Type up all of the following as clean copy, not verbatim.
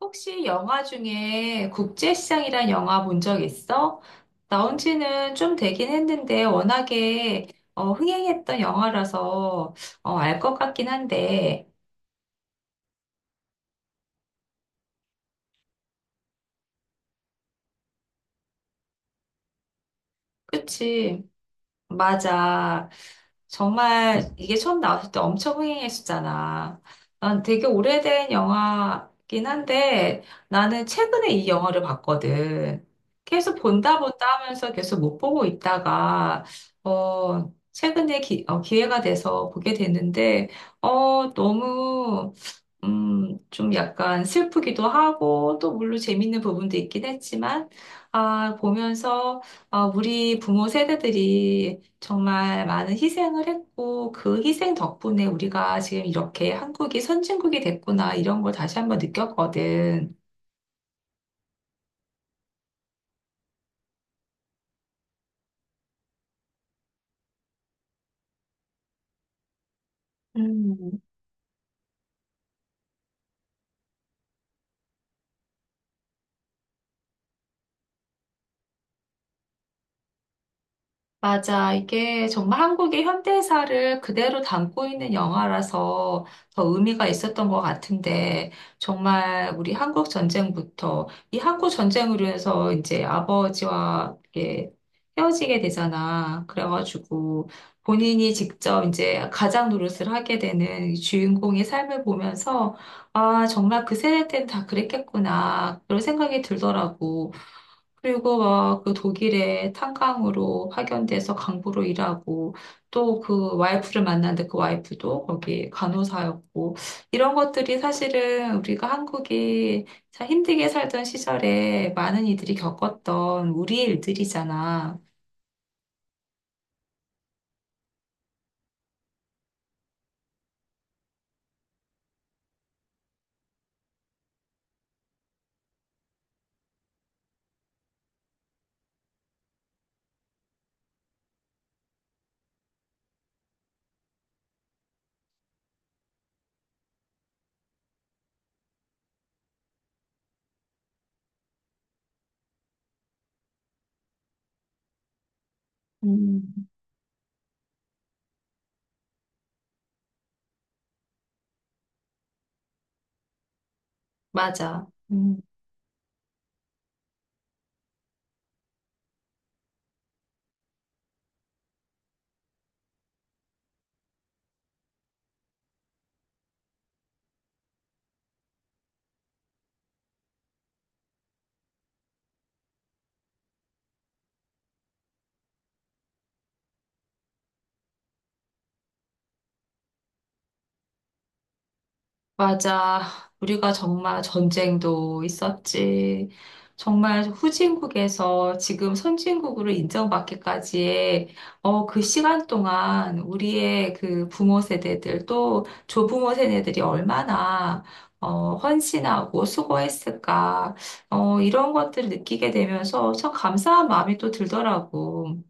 혹시 영화 중에 국제시장이란 영화 본 적 있어? 나온 지는 좀 되긴 했는데 워낙에 흥행했던 영화라서 알것 같긴 한데, 그치? 맞아. 정말 이게 처음 나왔을 때 엄청 흥행했었잖아. 난 되게 오래된 영화긴 한데 나는 최근에 이 영화를 봤거든. 계속 본다 본다 하면서 계속 못 보고 있다가 최근에 기회가 돼서 보게 됐는데 너무 좀 약간 슬프기도 하고, 또 물론 재밌는 부분도 있긴 했지만, 아, 보면서, 아, 우리 부모 세대들이 정말 많은 희생을 했고, 그 희생 덕분에 우리가 지금 이렇게 한국이 선진국이 됐구나, 이런 걸 다시 한번 느꼈거든. 음. 맞아. 이게 정말 한국의 현대사를 그대로 담고 있는 영화라서 더 의미가 있었던 것 같은데, 정말 우리 한국 전쟁부터, 이 한국 전쟁으로 해서 이제 아버지와 이렇게 헤어지게 되잖아. 그래가지고 본인이 직접 이제 가장 노릇을 하게 되는 이 주인공의 삶을 보면서, 아, 정말 그 세대 때는 다 그랬겠구나. 그런 생각이 들더라고. 그리고 막 그 독일에 탄광으로 파견돼서 강부로 일하고 또 그 와이프를 만났는데 그 와이프도 거기 간호사였고 이런 것들이 사실은 우리가 한국이 참 힘들게 살던 시절에 많은 이들이 겪었던 우리 일들이잖아. 음. 맞아. 음. 맞아. 우리가 정말 전쟁도 있었지. 정말 후진국에서 지금 선진국으로 인정받기까지의 그 시간 동안 우리의 그 부모 세대들 또 조부모 세대들이 얼마나 헌신하고 수고했을까. 이런 것들을 느끼게 되면서 참 감사한 마음이 또 들더라고.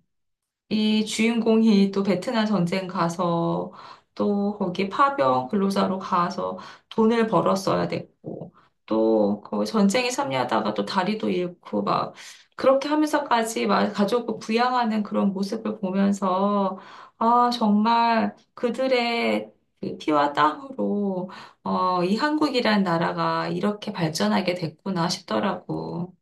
이 주인공이 또 베트남 전쟁 가서 또 거기 파병 근로자로 가서 돈을 벌었어야 됐고 또 거기 전쟁에 참여하다가 또 다리도 잃고 막 그렇게 하면서까지 막 가족을 부양하는 그런 모습을 보면서 아 정말 그들의 그 피와 땀으로 이 한국이란 나라가 이렇게 발전하게 됐구나 싶더라고.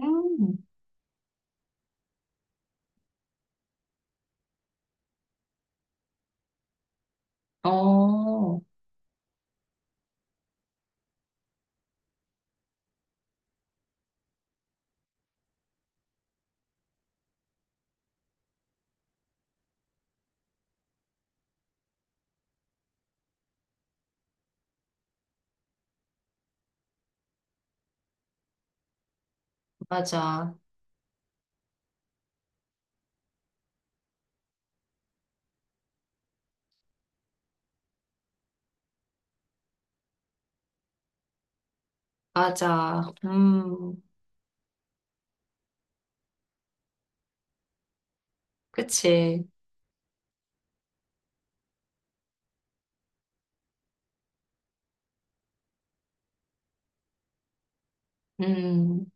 음. 어, 맞아. 맞아. 그치. 음,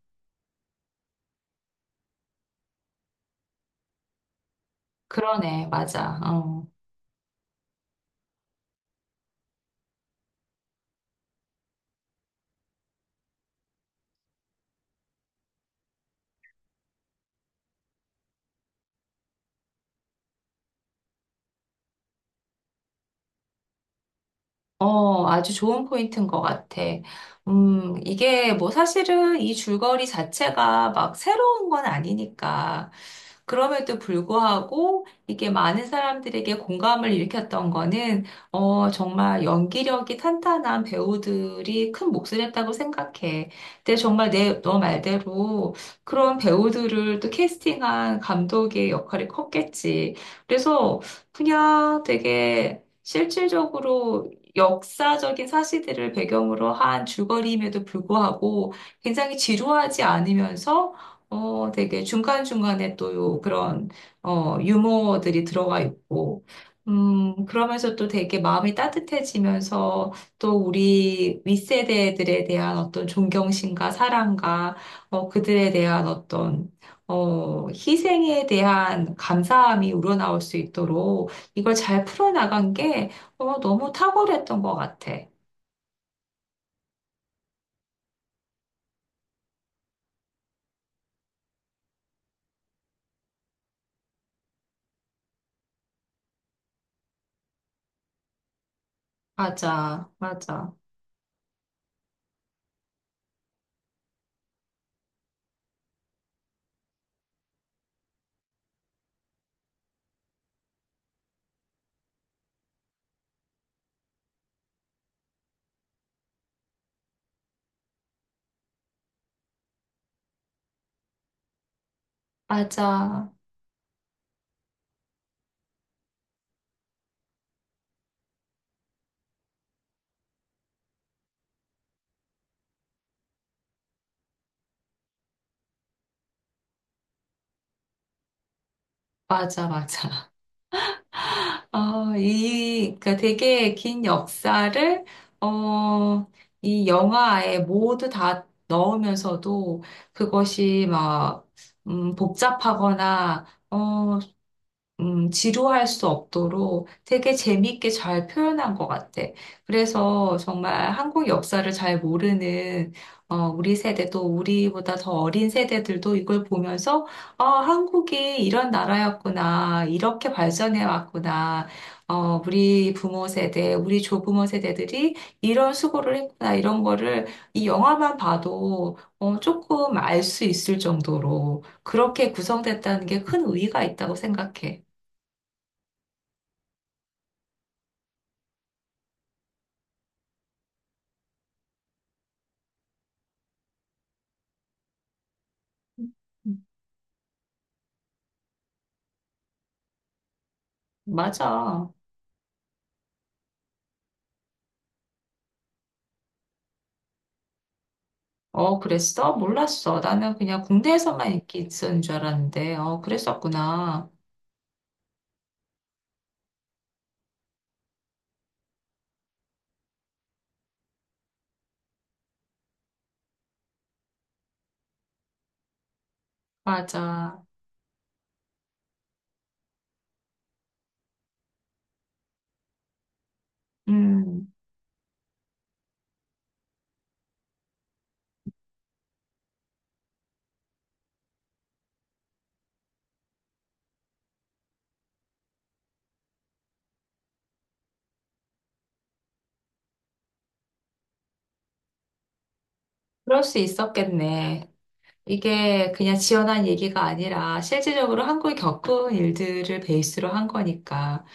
그러네. 맞아. 어. 어, 아주 좋은 포인트인 것 같아. 이게 뭐 사실은 이 줄거리 자체가 막 새로운 건 아니니까. 그럼에도 불구하고 이게 많은 사람들에게 공감을 일으켰던 거는, 어, 정말 연기력이 탄탄한 배우들이 큰 몫을 했다고 생각해. 근데 정말 너 말대로 그런 배우들을 또 캐스팅한 감독의 역할이 컸겠지. 그래서 그냥 되게 실질적으로 역사적인 사실들을 배경으로 한 줄거리임에도 불구하고 굉장히 지루하지 않으면서 되게 중간중간에 또 그런 유머들이 들어가 있고 그러면서 또 되게 마음이 따뜻해지면서 또 우리 윗세대들에 대한 어떤 존경심과 사랑과 어, 그들에 대한 어떤 희생에 대한 감사함이 우러나올 수 있도록 이걸 잘 풀어나간 게 너무 탁월했던 것 같아. 맞아, 맞아, 맞아, 맞아, 맞아. 어, 이, 그러니까 되게 긴 역사를, 어, 이 영화에 모두 다 넣으면서도 그것이 막, 복잡하거나, 어, 지루할 수 없도록 되게 재밌게 잘 표현한 것 같아. 그래서 정말 한국 역사를 잘 모르는 우리 세대도 우리보다 더 어린 세대들도 이걸 보면서 아, 한국이 이런 나라였구나, 이렇게 발전해 왔구나, 어, 우리 부모 세대, 우리 조부모 세대들이 이런 수고를 했구나, 이런 거를 이 영화만 봐도 어, 조금 알 수 있을 정도로 그렇게 구성됐다는 게 큰 의의가 있다고 생각해. 맞아. 어, 그랬어? 몰랐어. 나는 그냥 군대에서만 인기 있었는 줄 알았는데, 어, 그랬었구나. 맞아. 음, 그럴 수 있었겠네. 이게 그냥 지어낸 얘기가 아니라 실질적으로 한국이 겪은 일들을 베이스로 한 거니까.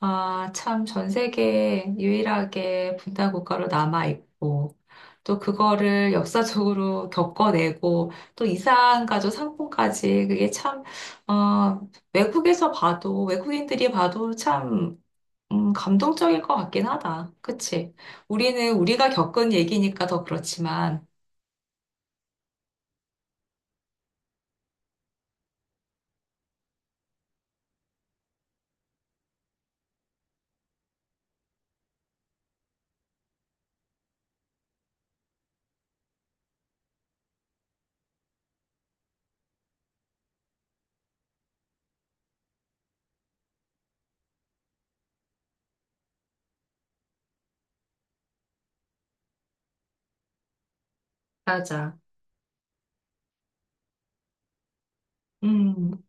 아, 참, 전 세계 유일하게 분단 국가로 남아있고, 또 그거를 역사적으로 겪어내고, 또 이산가족 상봉까지, 그게 참, 어, 외국에서 봐도, 외국인들이 봐도 참, 감동적일 것 같긴 하다. 그치? 우리는 우리가 겪은 얘기니까 더 그렇지만. 맞아. 음,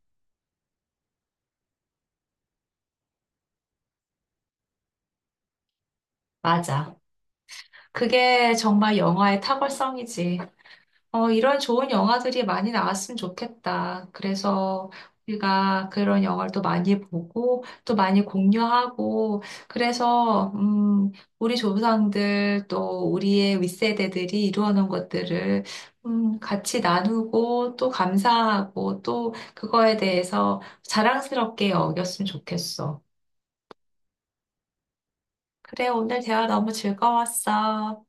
맞아. 그게 정말 영화의 탁월성이지. 어, 이런 좋은 영화들이 많이 나왔으면 좋겠다. 그래서 우리가 그런 영화를 또 많이 보고, 또 많이 공유하고, 그래서, 우리 조상들 또 우리의 윗세대들이 이루어놓은 것들을, 같이 나누고, 또 감사하고, 또 그거에 대해서 자랑스럽게 여겼으면 좋겠어. 그래, 오늘 대화 너무 즐거웠어.